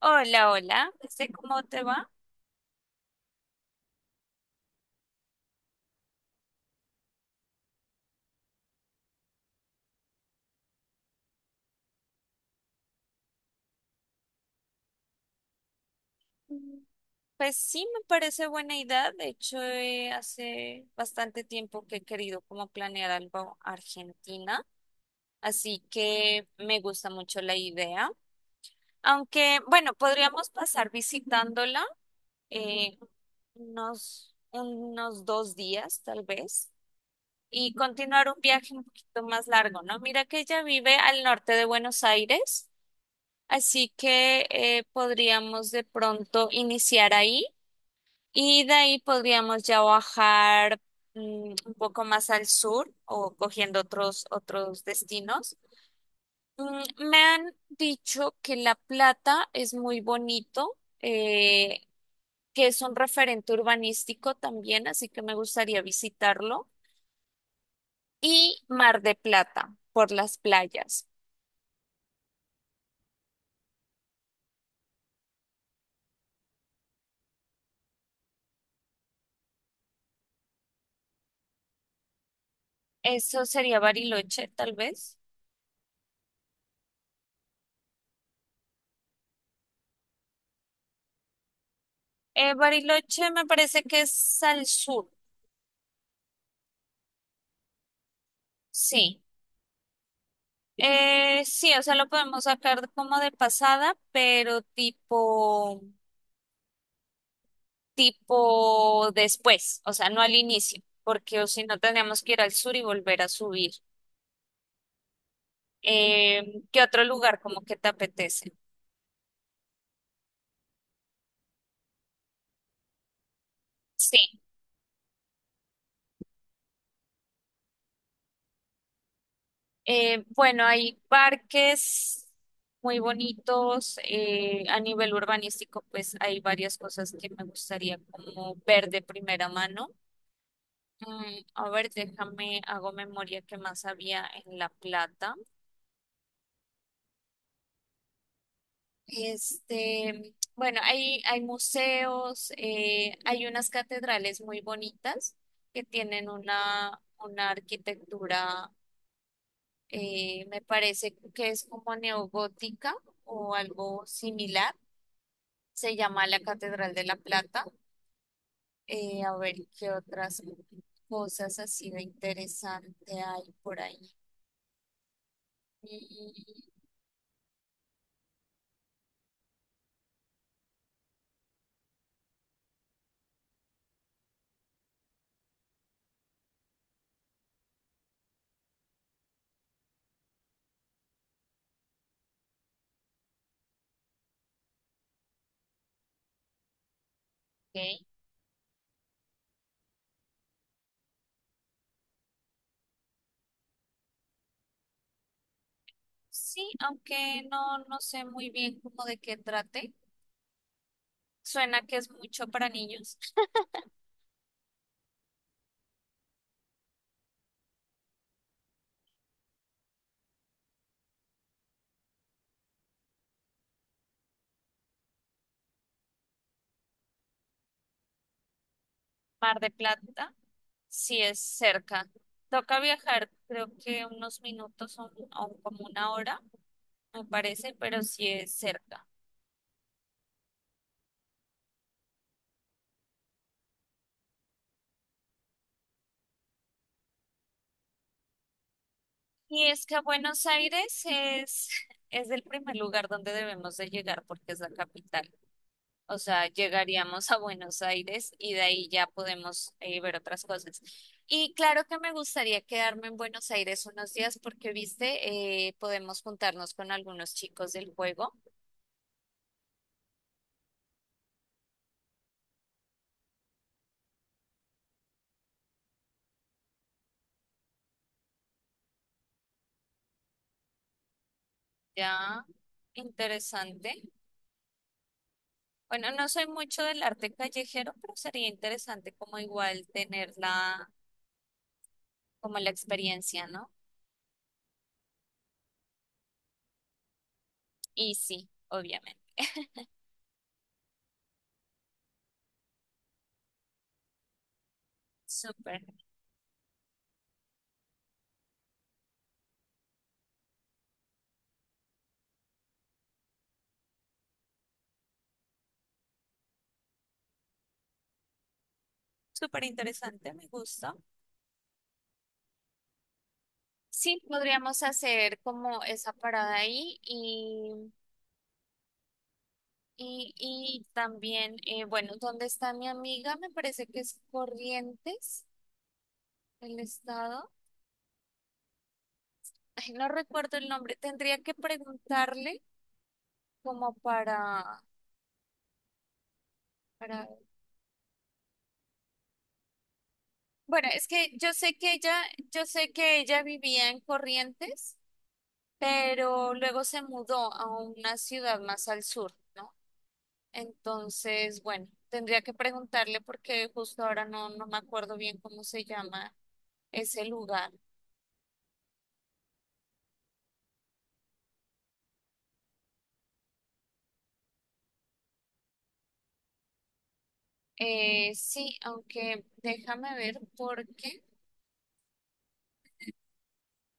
Hola, hola, ¿cómo te va? Mm. Pues sí, me parece buena idea. De hecho, hace bastante tiempo que he querido como planear algo Argentina, así que me gusta mucho la idea. Aunque, bueno, podríamos pasar visitándola eh, unos dos días, tal vez, y continuar un viaje un poquito más largo, ¿no? Mira que ella vive al norte de Buenos Aires. Así que podríamos de pronto iniciar ahí y de ahí podríamos ya bajar un poco más al sur o cogiendo otros destinos. Mm, me han dicho que La Plata es muy bonito, que es un referente urbanístico también, así que me gustaría visitarlo. Y Mar de Plata por las playas. Eso sería Bariloche, tal vez. Bariloche me parece que es al sur, sí. Sí, o sea, lo podemos sacar como de pasada, pero tipo después, o sea, no al inicio, porque o si no tenemos que ir al sur y volver a subir. ¿Qué otro lugar como que te apetece? Sí, bueno, hay parques muy bonitos. Eh, a nivel urbanístico, pues hay varias cosas que me gustaría como ver de primera mano. Mm, a ver, déjame, hago memoria que más había en La Plata. Este, bueno, hay museos, hay unas catedrales muy bonitas que tienen una arquitectura, me parece que es como neogótica o algo similar. Se llama la Catedral de La Plata. A ver, ¿qué otras cosas así de interesante hay por ahí? Mm, ok. Sí, aunque no, no sé muy bien cómo de qué trate. Suena que es mucho para niños. Mar de Plata, sí es cerca. Toca viajar, creo que unos minutos o como una hora, me parece, pero sí es cerca. Y es que Buenos Aires es el primer lugar donde debemos de llegar porque es la capital. O sea, llegaríamos a Buenos Aires y de ahí ya podemos ver otras cosas. Y claro que me gustaría quedarme en Buenos Aires unos días porque, viste, podemos juntarnos con algunos chicos del juego. Ya, interesante. Bueno, no soy mucho del arte callejero, pero sería interesante como igual tener como la experiencia, ¿no? Y sí, obviamente. Súper, súper interesante, me gusta. Sí, podríamos hacer como esa parada ahí y y también, bueno, ¿dónde está mi amiga? Me parece que es Corrientes, el estado. Ay, no recuerdo el nombre. Tendría que preguntarle como para... Bueno, es que yo sé que yo sé que ella vivía en Corrientes, pero luego se mudó a una ciudad más al sur, ¿no? Entonces, bueno, tendría que preguntarle porque justo ahora no, no me acuerdo bien cómo se llama ese lugar. Sí, aunque déjame ver porque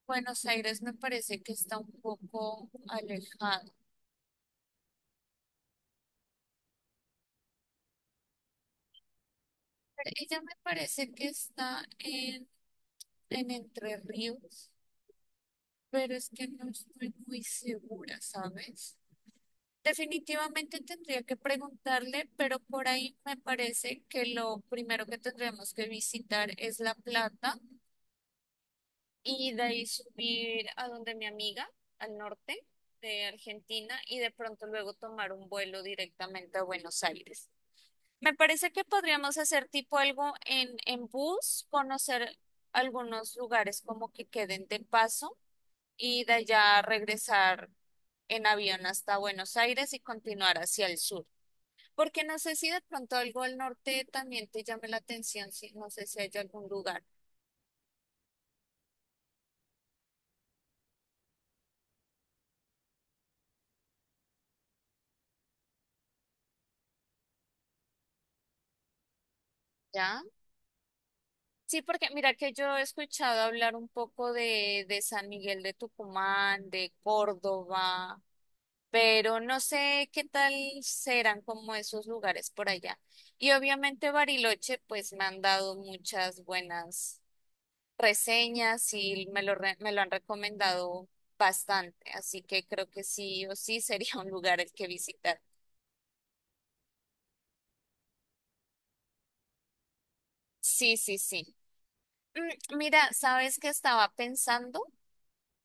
Buenos Aires me parece que está un poco alejado. Ella me parece que está en Entre Ríos, pero es que no estoy muy segura, ¿sabes? Definitivamente tendría que preguntarle, pero por ahí me parece que lo primero que tendríamos que visitar es La Plata y de ahí subir a donde mi amiga, al norte de Argentina, y de pronto luego tomar un vuelo directamente a Buenos Aires. Me parece que podríamos hacer tipo algo en bus, conocer algunos lugares como que queden de paso y de allá regresar en avión hasta Buenos Aires y continuar hacia el sur. Porque no sé si de pronto algo al norte también te llame la atención, si no sé si hay algún lugar, ¿ya? Sí, porque mira que yo he escuchado hablar un poco de San Miguel de Tucumán, de Córdoba, pero no sé qué tal serán como esos lugares por allá. Y obviamente Bariloche, pues me han dado muchas buenas reseñas y me lo, re- me lo han recomendado bastante, así que creo que sí o sí sería un lugar el que visitar. Sí, sí, sí. Mm, mira, ¿sabes qué estaba pensando?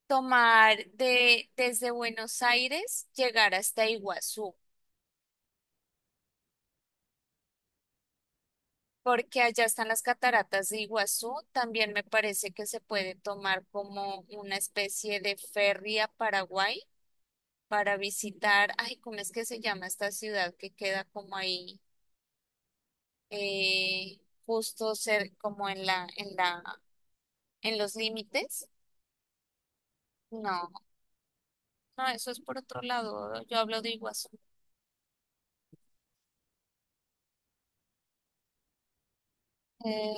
Tomar desde Buenos Aires, llegar hasta Iguazú, porque allá están las cataratas de Iguazú. También me parece que se puede tomar como una especie de ferry a Paraguay para visitar, ay, ¿cómo es que se llama esta ciudad que queda como ahí, eh, justo ser como en en los límites? No, no, eso es por otro lado, yo hablo de Iguazú. Eh,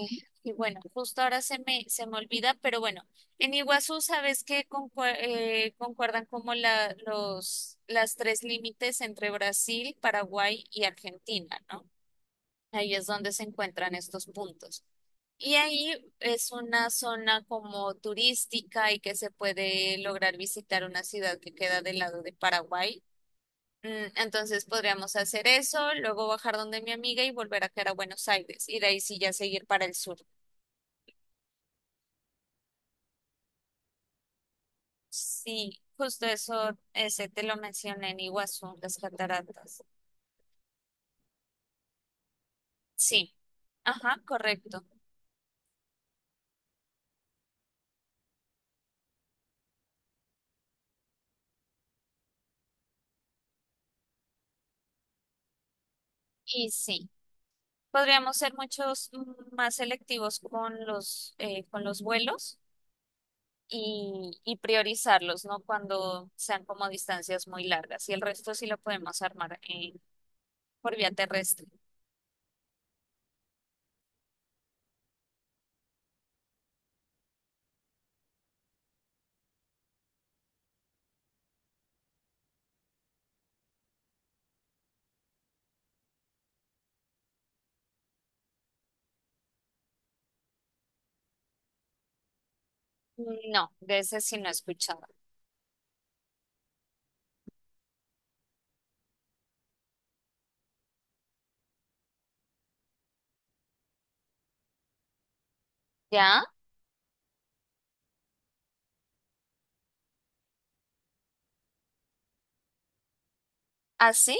y bueno, justo ahora se se me olvida, pero bueno, en Iguazú sabes que concue- concuerdan como las tres límites entre Brasil, Paraguay y Argentina, ¿no? Ahí es donde se encuentran estos puntos. Y ahí es una zona como turística y que se puede lograr visitar una ciudad que queda del lado de Paraguay. Mm, entonces podríamos hacer eso, luego bajar donde mi amiga y volver a caer a Buenos Aires y de ahí sí ya seguir para el sur. Sí, justo eso, ese te lo mencioné en Iguazú, las cataratas. Sí, ajá, correcto. Y sí, podríamos ser muchos más selectivos con los vuelos y priorizarlos, ¿no? Cuando sean como distancias muy largas. Y el resto sí lo podemos armar por vía terrestre. No, de ese sí no he escuchado. ¿Ya? ¿Así?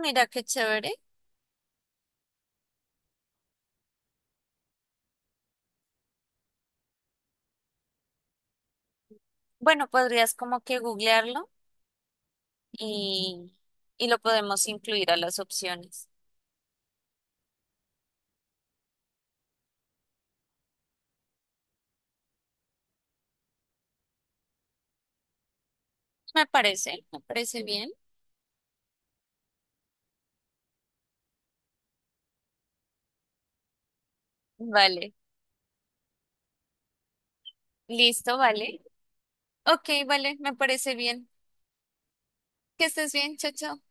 Mira qué chévere. Bueno, podrías como que googlearlo y, y lo podemos incluir a las opciones. Me parece bien. Vale, listo, vale. Ok, vale, me parece bien. Que estés bien, chao, chao.